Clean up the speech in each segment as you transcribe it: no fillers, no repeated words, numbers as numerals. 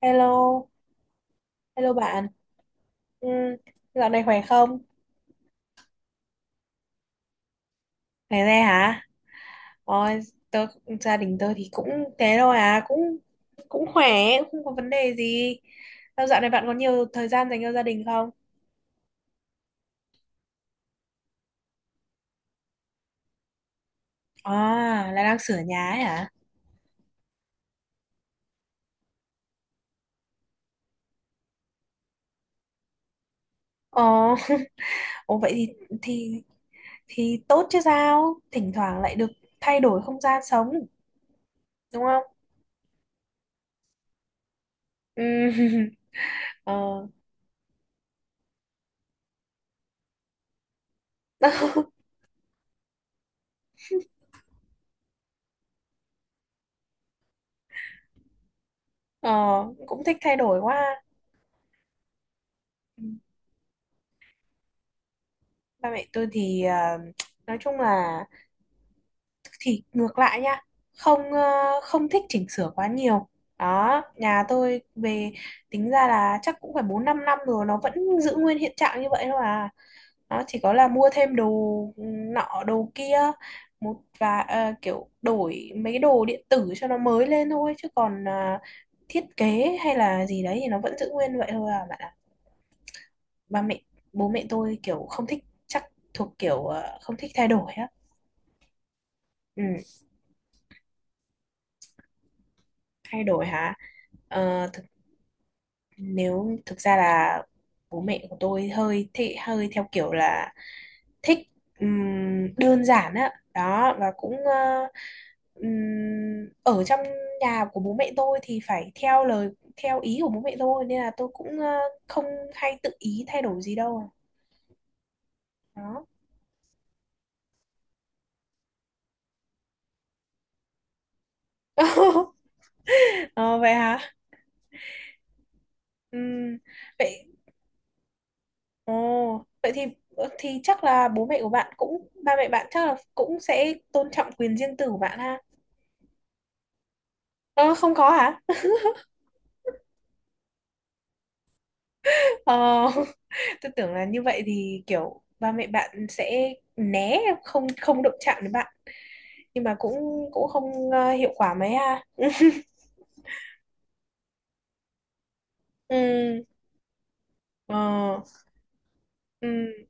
Hello, hello bạn. Ừ, dạo này khỏe không? Khỏe re hả? Ôi, tớ, gia đình tớ thì cũng thế thôi à, cũng cũng khỏe, cũng không có vấn đề gì. Sao dạo này bạn có nhiều thời gian dành cho gia đình không? À, là đang sửa nhà ấy hả? Ồ, ồ vậy thì thì thì tốt chứ sao? Thỉnh thoảng lại được thay đổi không gian sống, đúng không? Ừ, ờ, ờ, cũng thích thay đổi quá. Ba mẹ tôi thì nói chung là thì ngược lại nha, không ờ, không thích chỉnh sửa quá nhiều đó. Nhà tôi về tính ra là chắc cũng phải bốn năm năm rồi nó vẫn giữ nguyên hiện trạng như vậy thôi à. Nó chỉ có là mua thêm đồ nọ đồ kia, một và kiểu đổi mấy cái đồ điện tử cho nó mới lên thôi, chứ còn thiết kế hay là gì đấy thì nó vẫn giữ nguyên vậy thôi à bạn ạ. Ba mẹ Bố mẹ tôi kiểu không thích, chắc thuộc kiểu không thích thay đổi á. Ừ, thay đổi hả. Ờ, nếu thực ra là bố mẹ của tôi hơi thị hơi theo kiểu là thích, đơn giản á đó, và cũng ở trong nhà của bố mẹ tôi thì phải theo lời, theo ý của bố mẹ tôi, nên là tôi cũng không hay tự ý thay đổi gì đâu đó. Ờ, vậy hả. Ừm, vậy Ồ vậy thì thì chắc là bố mẹ của bạn cũng ba mẹ bạn chắc là cũng sẽ tôn trọng quyền riêng tư của bạn ha. Ờ, không có hả? Ờ, tôi tưởng là như vậy thì kiểu ba mẹ bạn sẽ né, không không động chạm đến bạn, nhưng mà cũng cũng không hiệu quả mấy ha. Ừ, ờ, ừ,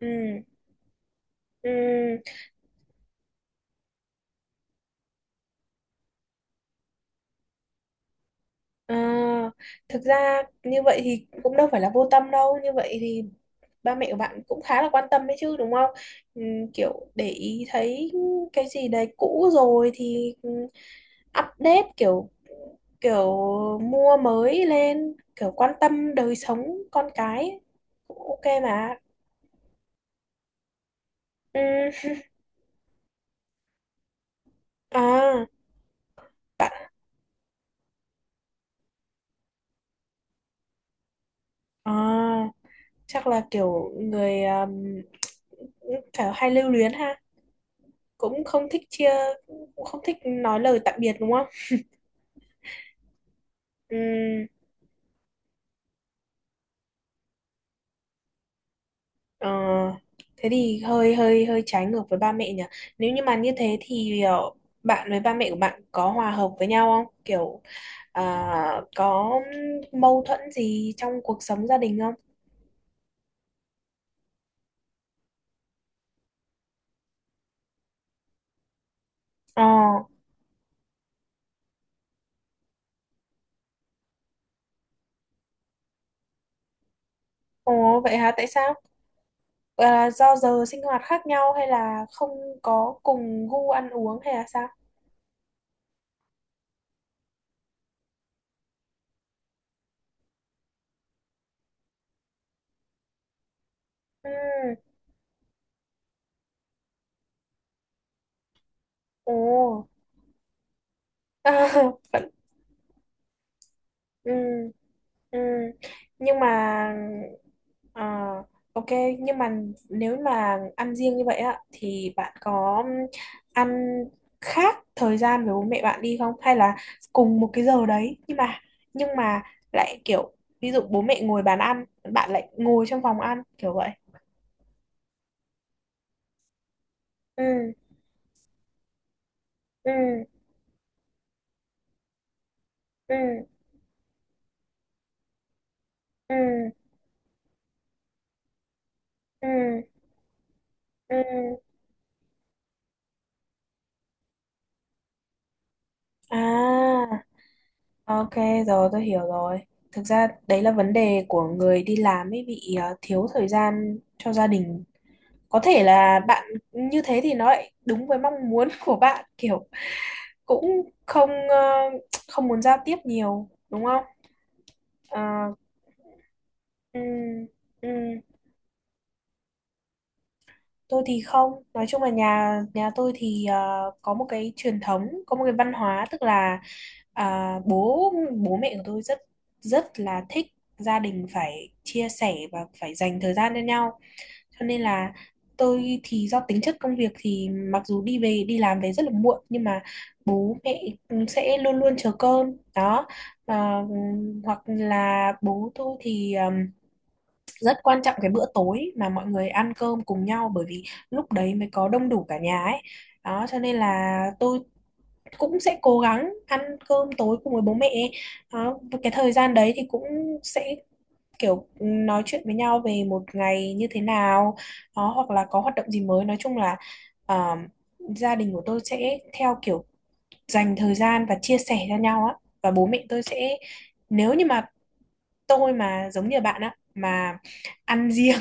ừ, ừ, ờ. Thực ra như vậy thì cũng đâu phải là vô tâm đâu, như vậy thì ba mẹ của bạn cũng khá là quan tâm đấy chứ đúng không? Ừ, kiểu để ý thấy cái gì đấy cũ rồi thì update, kiểu kiểu mua mới lên, kiểu quan tâm đời sống con cái cũng ok mà ừ. À bạn, à chắc là kiểu người kiểu hay lưu luyến ha, cũng không thích chia cũng không thích nói lời tạm biệt đúng không. Ừ. ờ, Thế thì hơi hơi hơi trái ngược với ba mẹ nhỉ. Nếu như mà như thế thì bạn với ba mẹ của bạn có hòa hợp với nhau không, kiểu À, có mâu thuẫn gì trong cuộc sống gia đình không? Ờ, ồ vậy hả? Tại sao? À, do giờ sinh hoạt khác nhau hay là không có cùng gu ăn uống hay là sao? Ừ, ồ, à, vẫn, ừ. Ừ, nhưng mà ờ, ok, nhưng mà nếu mà ăn riêng như vậy á thì bạn có ăn khác thời gian với bố mẹ bạn đi không, hay là cùng một cái giờ đấy, nhưng mà lại kiểu ví dụ bố mẹ ngồi bàn ăn, bạn lại ngồi trong phòng ăn kiểu vậy. Ừ, ừ, ừ, ừ, ừ, ừ, à. Ok, rồi tôi hiểu rồi. Thực ra đấy là vấn đề của người đi làm ấy, bị thiếu thời gian cho gia đình. Có thể là bạn như thế thì nó lại đúng với mong muốn của bạn, kiểu cũng không muốn giao tiếp nhiều đúng không? Ờ, ừ, ừ. Tôi thì không, nói chung là nhà nhà tôi thì có một cái truyền thống, có một cái văn hóa, tức là à, bố bố mẹ của tôi rất, rất là thích gia đình phải chia sẻ và phải dành thời gian cho nhau. Cho nên là tôi thì do tính chất công việc thì mặc dù đi làm về rất là muộn nhưng mà bố mẹ sẽ luôn luôn chờ cơm đó. Ờ, Hoặc là bố tôi thì rất quan trọng cái bữa tối mà mọi người ăn cơm cùng nhau, bởi vì lúc đấy mới có đông đủ cả nhà ấy đó, cho nên là tôi cũng sẽ cố gắng ăn cơm tối cùng với bố mẹ đó. Và cái thời gian đấy thì cũng sẽ kiểu nói chuyện với nhau về một ngày như thế nào đó, hoặc là có hoạt động gì mới. Nói chung là ờ, gia đình của tôi sẽ theo kiểu dành thời gian và chia sẻ cho nhau á, và bố mẹ tôi sẽ, nếu như mà tôi mà giống như bạn á mà ăn riêng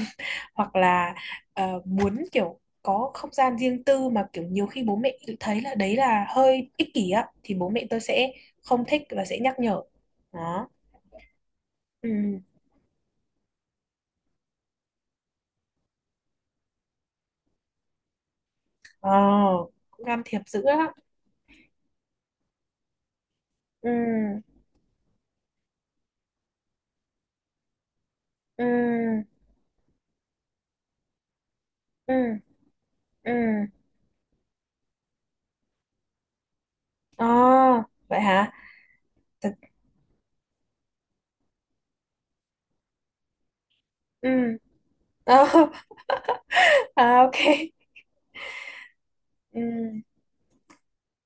hoặc là muốn kiểu có không gian riêng tư mà kiểu nhiều khi bố mẹ tự thấy là đấy là hơi ích kỷ á, thì bố mẹ tôi sẽ không thích và sẽ nhắc nhở đó. Ừ, ờ, cũng can thiệp dữ á. Ừ, ừ, ừ, ừ, ờ, vậy hả. Thật- ừ. Ờ, à, ok, ừ,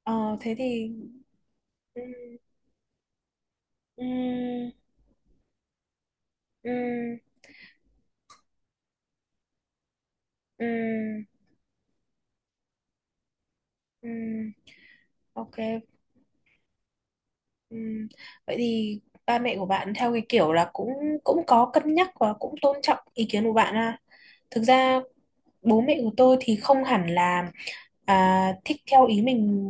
ờ thế thì ừ, ừ, ừ, ừ, ừ, ok. Ừ. Vậy thì ba mẹ của bạn theo cái kiểu là cũng cũng có cân nhắc và cũng tôn trọng ý kiến của bạn à. Thực ra bố mẹ của tôi thì không hẳn là thích theo ý mình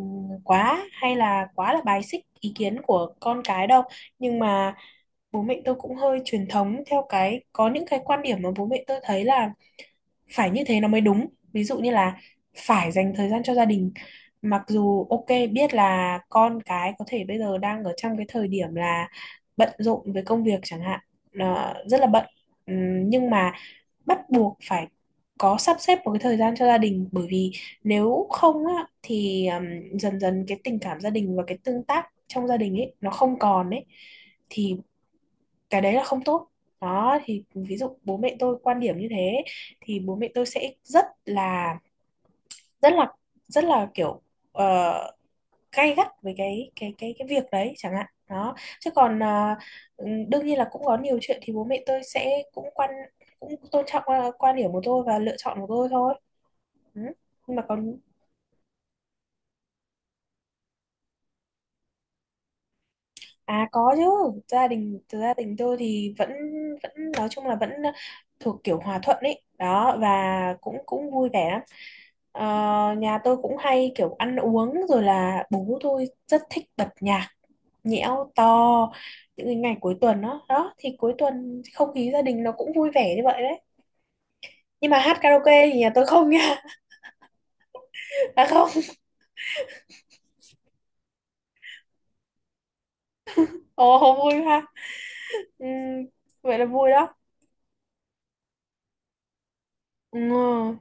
quá hay là quá là bài xích ý kiến của con cái đâu. Nhưng mà bố mẹ tôi cũng hơi truyền thống, theo cái có những cái quan điểm mà bố mẹ tôi thấy là phải như thế nó mới đúng, ví dụ như là phải dành thời gian cho gia đình. Mặc dù ok biết là con cái có thể bây giờ đang ở trong cái thời điểm là bận rộn với công việc chẳng hạn, nó rất là bận, nhưng mà bắt buộc phải có sắp xếp một cái thời gian cho gia đình, bởi vì nếu không á thì dần dần cái tình cảm gia đình và cái tương tác trong gia đình ấy nó không còn ấy, thì cái đấy là không tốt đó. Thì ví dụ bố mẹ tôi quan điểm như thế thì bố mẹ tôi sẽ rất là rất là kiểu uh, gay gắt với cái việc đấy chẳng hạn đó. Chứ còn đương nhiên là cũng có nhiều chuyện thì bố mẹ tôi sẽ cũng tôn trọng quan điểm của tôi và lựa chọn của tôi thôi. Ừ. Nhưng mà còn à, có chứ, gia đình tôi thì vẫn vẫn nói chung là vẫn thuộc kiểu hòa thuận ấy đó, và cũng cũng vui vẻ lắm. Ờ, nhà tôi cũng hay kiểu ăn uống rồi là bố tôi rất thích bật nhạc nhẽo to những cái ngày cuối tuần đó đó, thì cuối tuần không khí gia đình nó cũng vui vẻ như vậy đấy. Nhưng mà hát karaoke thì nhà tôi không nha. À không. Ồ không vui ha. Ừm, vậy là vui đó. Ừ,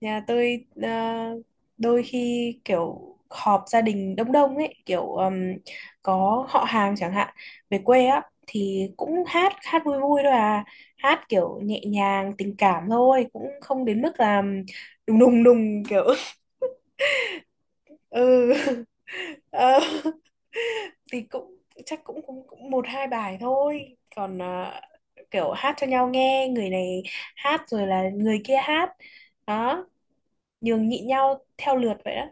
nhà tôi đôi khi kiểu họp gia đình đông đông ấy, kiểu có họ hàng chẳng hạn về quê á, thì cũng hát hát vui vui thôi à, hát kiểu nhẹ nhàng tình cảm thôi, cũng không đến mức là đùng đùng đùng kiểu ừ. Ờ, thì cũng chắc cũng cũng, cũng một hai bài thôi, còn kiểu hát cho nhau nghe, người này hát rồi là người kia hát. Đó, nhường nhịn nhau theo lượt vậy đó.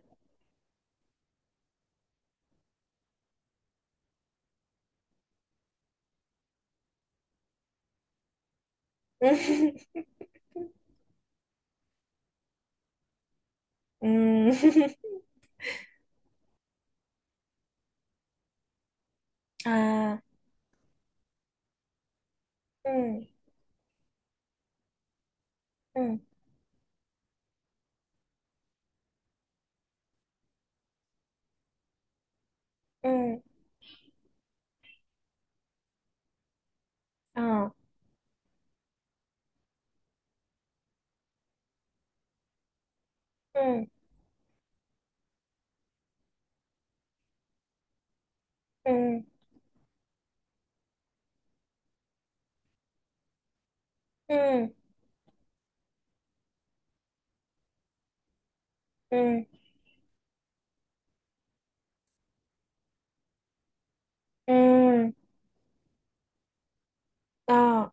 Ừ, ừ, à, ừ, ừ, ừ, ờ, ừ, ừ, ừ, ừ, ừ, ờ,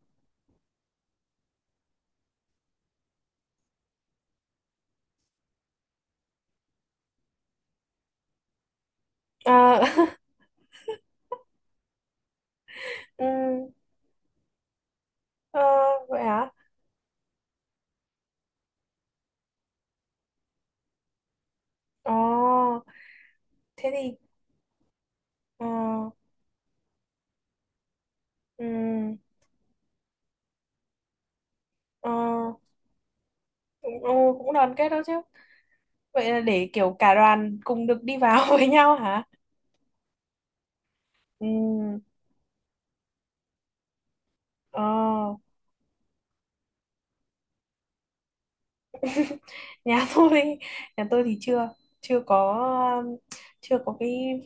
ờ, ừ, ờ vậy hả. ờ Thế thì ờ, ừ, ờ, cũng ờ, cũng đoàn kết đó chứ. Vậy là để kiểu cả đoàn cùng được đi vào với nhau hả. Ừ, ờ, nhà tôi nhà tôi thì chưa chưa có um, chưa có cái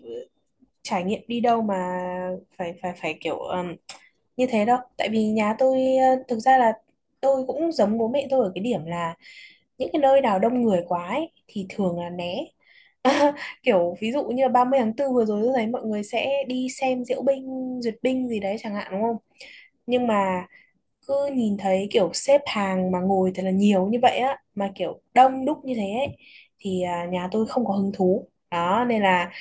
trải nghiệm đi đâu mà phải phải phải kiểu như thế đâu, tại vì nhà tôi thực ra là tôi cũng giống bố mẹ tôi ở cái điểm là những cái nơi nào đông người quá ấy, thì thường là né. Kiểu ví dụ như là 30/4 vừa rồi tôi thấy mọi người sẽ đi xem diễu binh duyệt binh gì đấy chẳng hạn đúng không, nhưng mà cứ nhìn thấy kiểu xếp hàng mà ngồi thật là nhiều như vậy á mà kiểu đông đúc như thế ấy, thì nhà tôi không có hứng thú đó, nên là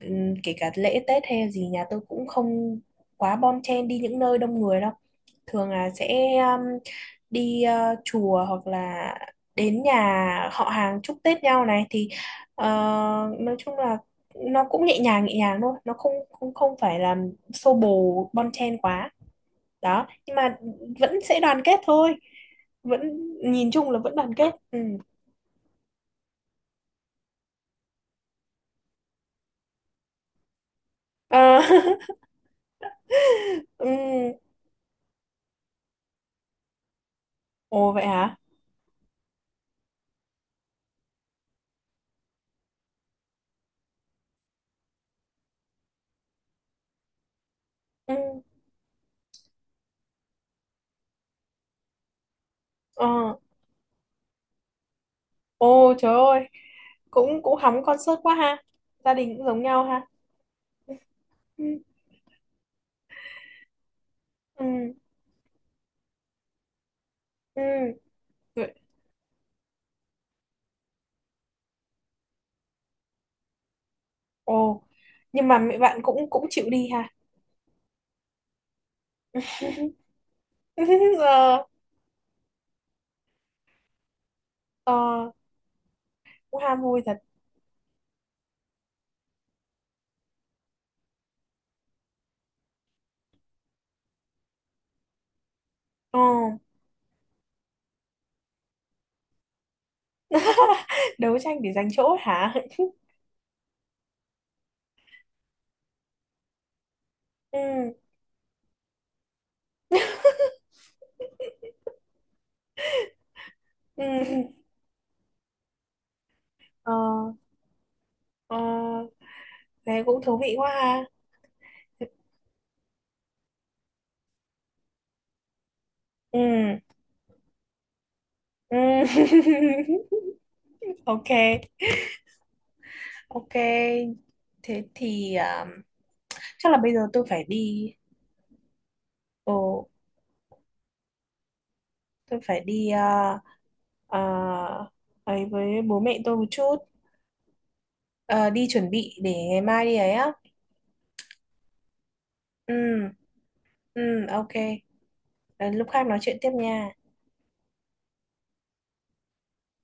kể cả lễ Tết hay gì nhà tôi cũng không quá bon chen đi những nơi đông người đâu, thường là sẽ đi chùa hoặc là đến nhà họ hàng chúc Tết nhau này, thì ờ, nói chung là nó cũng nhẹ nhàng thôi, nó không không không phải là xô bồ bon chen quá đó, nhưng mà vẫn sẽ đoàn kết thôi, vẫn nhìn chung là vẫn đoàn kết ừ. Ờ, ừ. Ồ vậy hả. Ừ. Ờ. Ồ trời ơi, cũng cũng hóng concert quá ha, gia đình cũng giống nhau ha. Ừ. Ừ. Ừ. Vậy- Ồ, nhưng mà mẹ bạn cũng cũng chịu đi ha. Ờ. Ờ. Cũng ham vui thật. Ờ. Đấu tranh để giành chỗ hả. Ừ. Ừ. Ờ. Ờ. Thế cũng thú vị quá ha. Ừ, ừm, ok, ok, thế thì chắc là bây giờ tôi phải đi. Ồ, tôi phải đi ờ, ấy với bố mẹ tôi một chút. Ờ, đi chuẩn bị để ngày mai đi ấy á. Ừ, ừ, ok. Ờ, lúc khác nói chuyện tiếp nha.